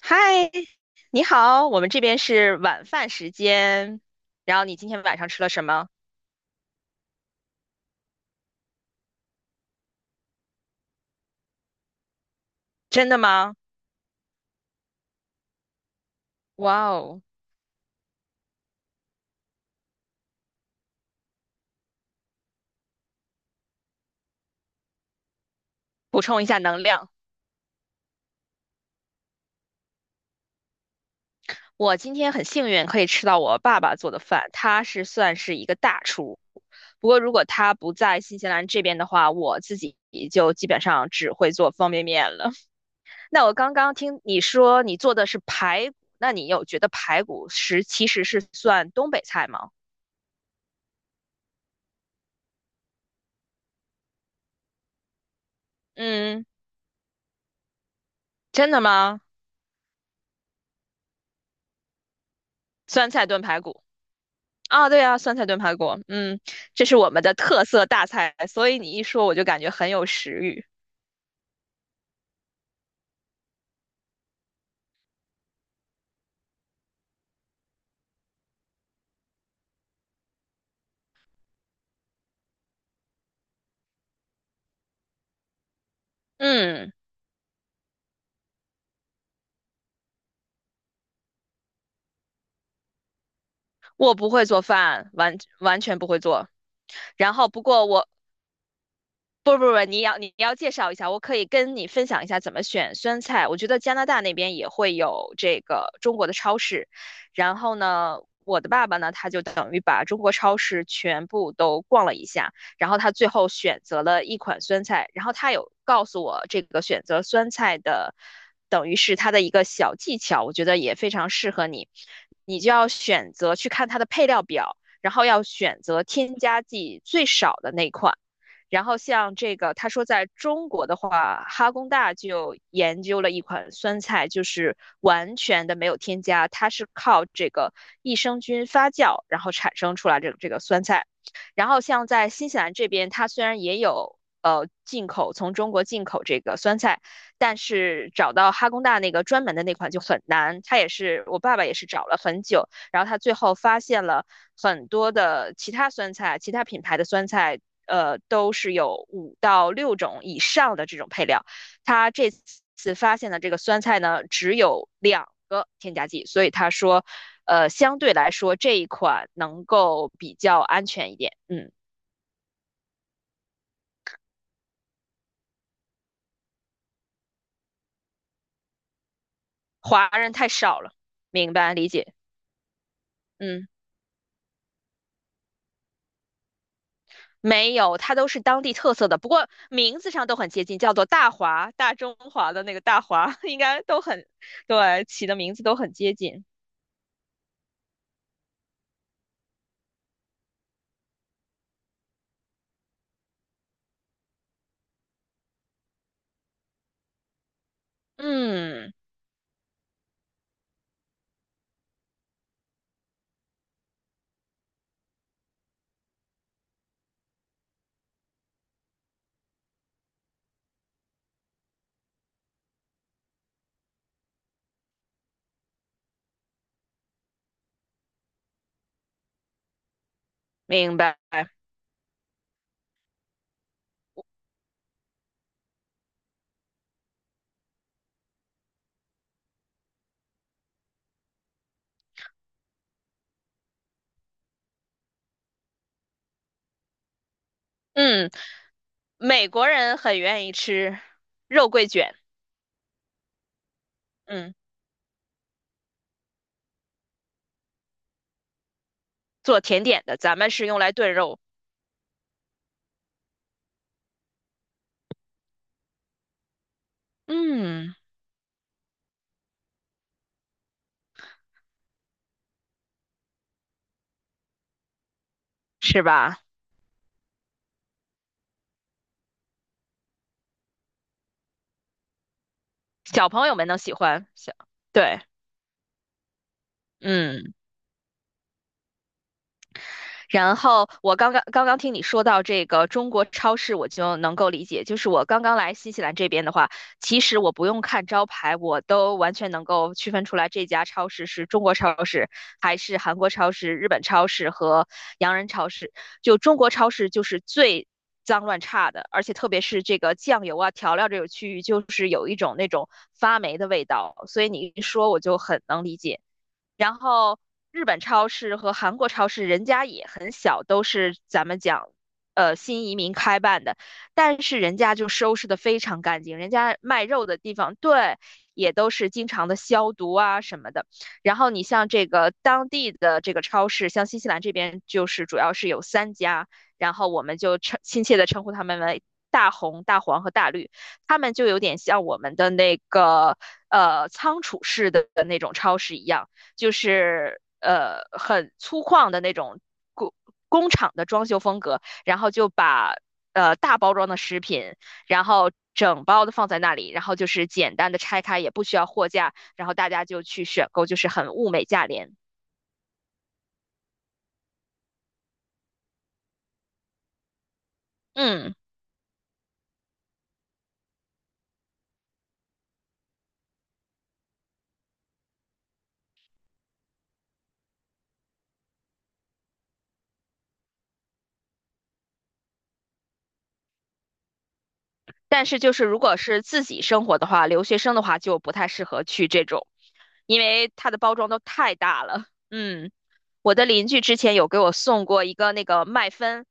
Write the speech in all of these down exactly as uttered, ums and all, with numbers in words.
嗨，你好，我们这边是晚饭时间。然后你今天晚上吃了什么？真的吗？哇哦，补充一下能量。我今天很幸运可以吃到我爸爸做的饭，他是算是一个大厨。不过如果他不在新西兰这边的话，我自己就基本上只会做方便面了。那我刚刚听你说你做的是排骨，那你有觉得排骨是其实是算东北菜吗？嗯，真的吗？酸菜炖排骨。啊，对啊，酸菜炖排骨，嗯，这是我们的特色大菜，所以你一说我就感觉很有食欲。嗯，我不会做饭，完完全不会做。然后不过我不不不，你要你要介绍一下，我可以跟你分享一下怎么选酸菜。我觉得加拿大那边也会有这个中国的超市，然后呢，我的爸爸呢，他就等于把中国超市全部都逛了一下，然后他最后选择了一款酸菜，然后他有告诉我这个选择酸菜的，等于是他的一个小技巧，我觉得也非常适合你。你就要选择去看它的配料表，然后要选择添加剂最少的那款。然后像这个，他说在中国的话，哈工大就研究了一款酸菜，就是完全的没有添加，它是靠这个益生菌发酵，然后产生出来这个这个酸菜。然后像在新西兰这边，它虽然也有呃进口从中国进口这个酸菜，但是找到哈工大那个专门的那款就很难。它也是我爸爸也是找了很久，然后他最后发现了很多的其他酸菜，其他品牌的酸菜，呃，都是有五到六种以上的这种配料。他这次发现的这个酸菜呢，只有两个添加剂，所以他说，呃，相对来说这一款能够比较安全一点。嗯，华人太少了，明白理解。嗯。没有，它都是当地特色的，不过名字上都很接近，叫做大华、大中华的那个大华，应该都很，对，起的名字都很接近。嗯，明白。嗯，美国人很愿意吃肉桂卷，嗯，做甜点的，咱们是用来炖肉，嗯，是吧？小朋友们能喜欢，小，对，嗯。然后我刚刚刚刚听你说到这个中国超市，我就能够理解。就是我刚刚来新西兰这边的话，其实我不用看招牌，我都完全能够区分出来这家超市是中国超市，还是韩国超市、日本超市和洋人超市。就中国超市就是最脏乱差的，而且特别是这个酱油啊、调料这个区域，就是有一种那种发霉的味道。所以你一说，我就很能理解。然后日本超市和韩国超市人家也很小，都是咱们讲，呃，新移民开办的，但是人家就收拾的非常干净，人家卖肉的地方，对，也都是经常的消毒啊什么的。然后你像这个当地的这个超市，像新西兰这边就是主要是有三家，然后我们就称亲切的称呼他们为。大红、大黄和大绿，他们就有点像我们的那个呃仓储式的那种超市一样，就是呃很粗犷的那种工工厂的装修风格，然后就把呃大包装的食品，然后整包的放在那里，然后就是简单的拆开，也不需要货架，然后大家就去选购，就是很物美价廉。嗯，但是就是如果是自己生活的话，留学生的话就不太适合去这种，因为它的包装都太大了。嗯，我的邻居之前有给我送过一个那个麦芬，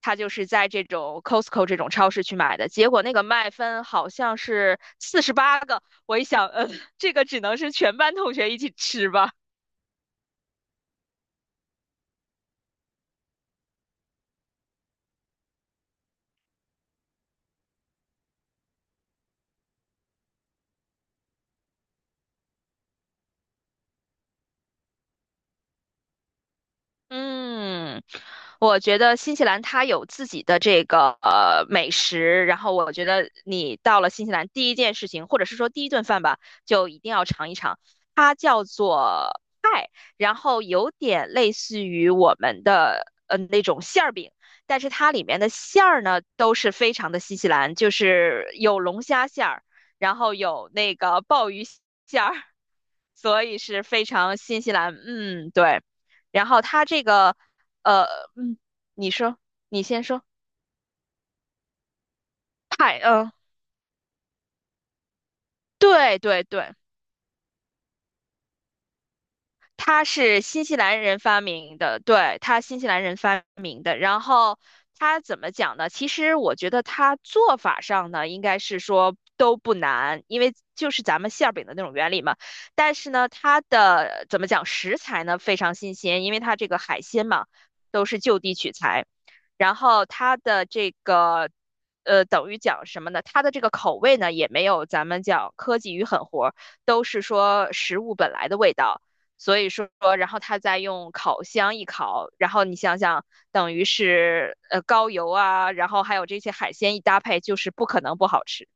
他就是在这种 Costco 这种超市去买的，结果那个麦芬好像是四十八个，我一想，呃，这个只能是全班同学一起吃吧。嗯，我觉得新西兰它有自己的这个呃美食，然后我觉得你到了新西兰第一件事情，或者是说第一顿饭吧，就一定要尝一尝，它叫做派，然后有点类似于我们的呃那种馅儿饼，但是它里面的馅儿呢都是非常的新西兰，就是有龙虾馅儿，然后有那个鲍鱼馅儿，所以是非常新西兰，嗯，对。然后它这个，呃，嗯，你说，你先说，派，嗯、对对对，它是新西兰人发明的，对，它新西兰人发明的。然后它怎么讲呢？其实我觉得它做法上呢，应该是说都不难，因为就是咱们馅儿饼的那种原理嘛。但是呢，它的怎么讲食材呢非常新鲜，因为它这个海鲜嘛都是就地取材。然后它的这个呃，等于讲什么呢？它的这个口味呢，也没有咱们讲科技与狠活，都是说食物本来的味道。所以说，然后它再用烤箱一烤，然后你想想，等于是呃高油啊，然后还有这些海鲜一搭配，就是不可能不好吃。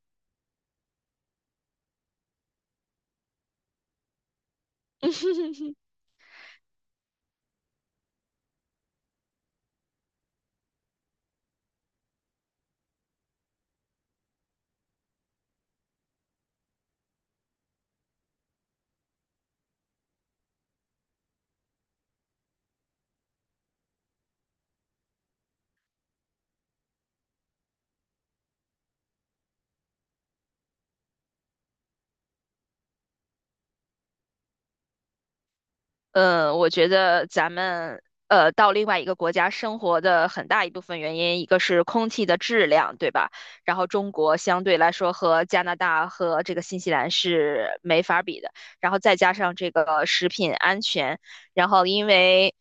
嗯，我觉得咱们呃到另外一个国家生活的很大一部分原因，一个是空气的质量，对吧？然后中国相对来说和加拿大和这个新西兰是没法比的，然后再加上这个食品安全，然后因为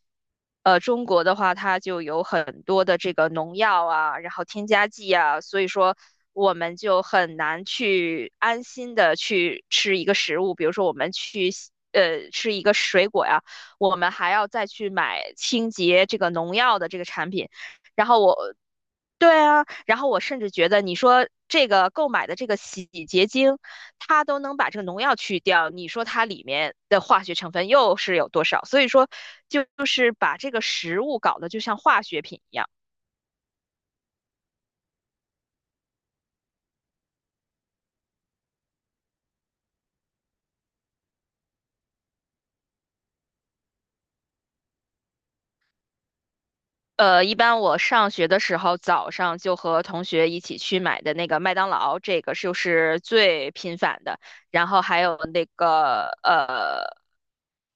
呃中国的话，它就有很多的这个农药啊，然后添加剂啊，所以说。我们就很难去安心的去吃一个食物，比如说我们去呃吃一个水果呀。我们还要再去买清洁这个农药的这个产品。然后我，对啊，然后我甚至觉得你说这个购买的这个洗洁精，它都能把这个农药去掉，你说它里面的化学成分又是有多少？所以说，就就是把这个食物搞得就像化学品一样。呃，一般我上学的时候，早上就和同学一起去买的那个麦当劳，这个就是最频繁的。然后还有那个呃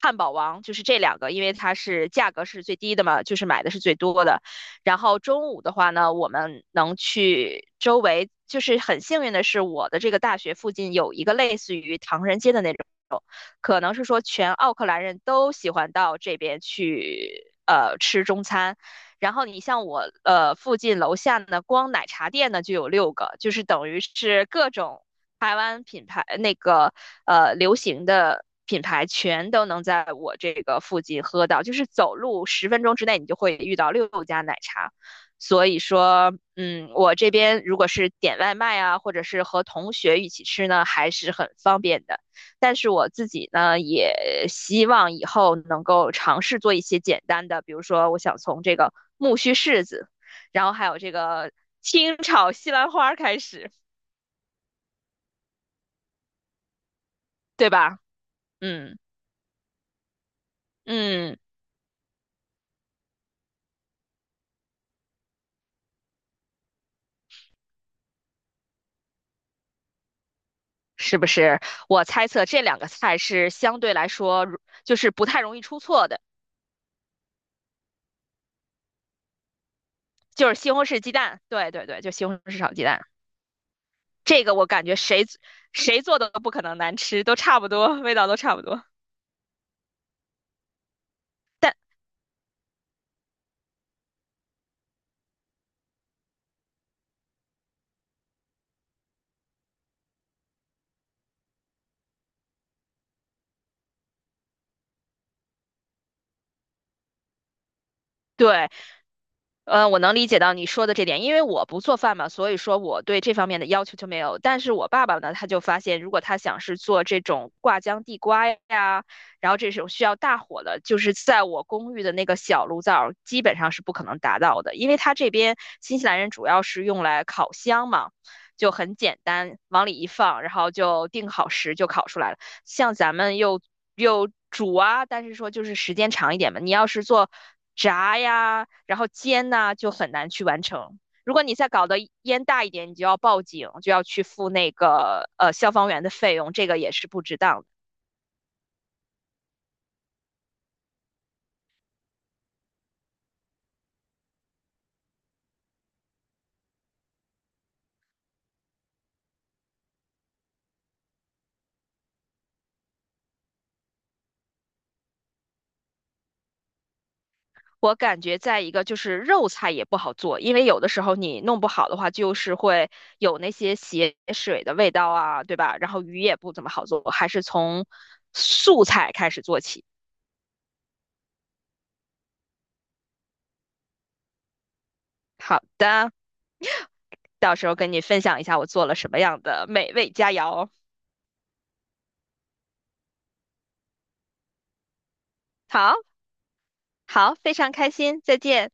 汉堡王，就是这两个，因为它是价格是最低的嘛，就是买的是最多的。然后中午的话呢，我们能去周围，就是很幸运的是，我的这个大学附近有一个类似于唐人街的那种。可能是说全奥克兰人都喜欢到这边去呃吃中餐。然后你像我呃附近楼下呢，光奶茶店呢就有六个，就是等于是各种台湾品牌那个呃流行的品牌全都能在我这个附近喝到，就是走路十分钟之内你就会遇到六家奶茶。所以说，嗯，我这边如果是点外卖啊，或者是和同学一起吃呢，还是很方便的。但是我自己呢，也希望以后能够尝试做一些简单的，比如说，我想从这个木须柿子，然后还有这个清炒西兰花开始，对吧？嗯嗯，是不是？我猜测这两个菜是相对来说如就是不太容易出错的，就是西红柿鸡蛋，对对对，就西红柿炒鸡蛋，这个我感觉谁谁做的都不可能难吃，都差不多，味道都差不多。但对，呃，我能理解到你说的这点，因为我不做饭嘛，所以说我对这方面的要求就没有。但是我爸爸呢，他就发现，如果他想是做这种挂浆地瓜呀，然后这种需要大火的，就是在我公寓的那个小炉灶，基本上是不可能达到的，因为他这边新西兰人主要是用来烤箱嘛，就很简单，往里一放，然后就定好时就烤出来了。像咱们又又煮啊，但是说就是时间长一点嘛。你要是做炸呀，然后煎呐，就很难去完成。如果你再搞得烟大一点，你就要报警，就要去付那个呃消防员的费用，这个也是不值当的我感觉再一个就是肉菜也不好做，因为有的时候你弄不好的话，就是会有那些血水的味道啊，对吧？然后鱼也不怎么好做，还是从素菜开始做起。好的，到时候跟你分享一下我做了什么样的美味佳肴。好，好，非常开心，再见。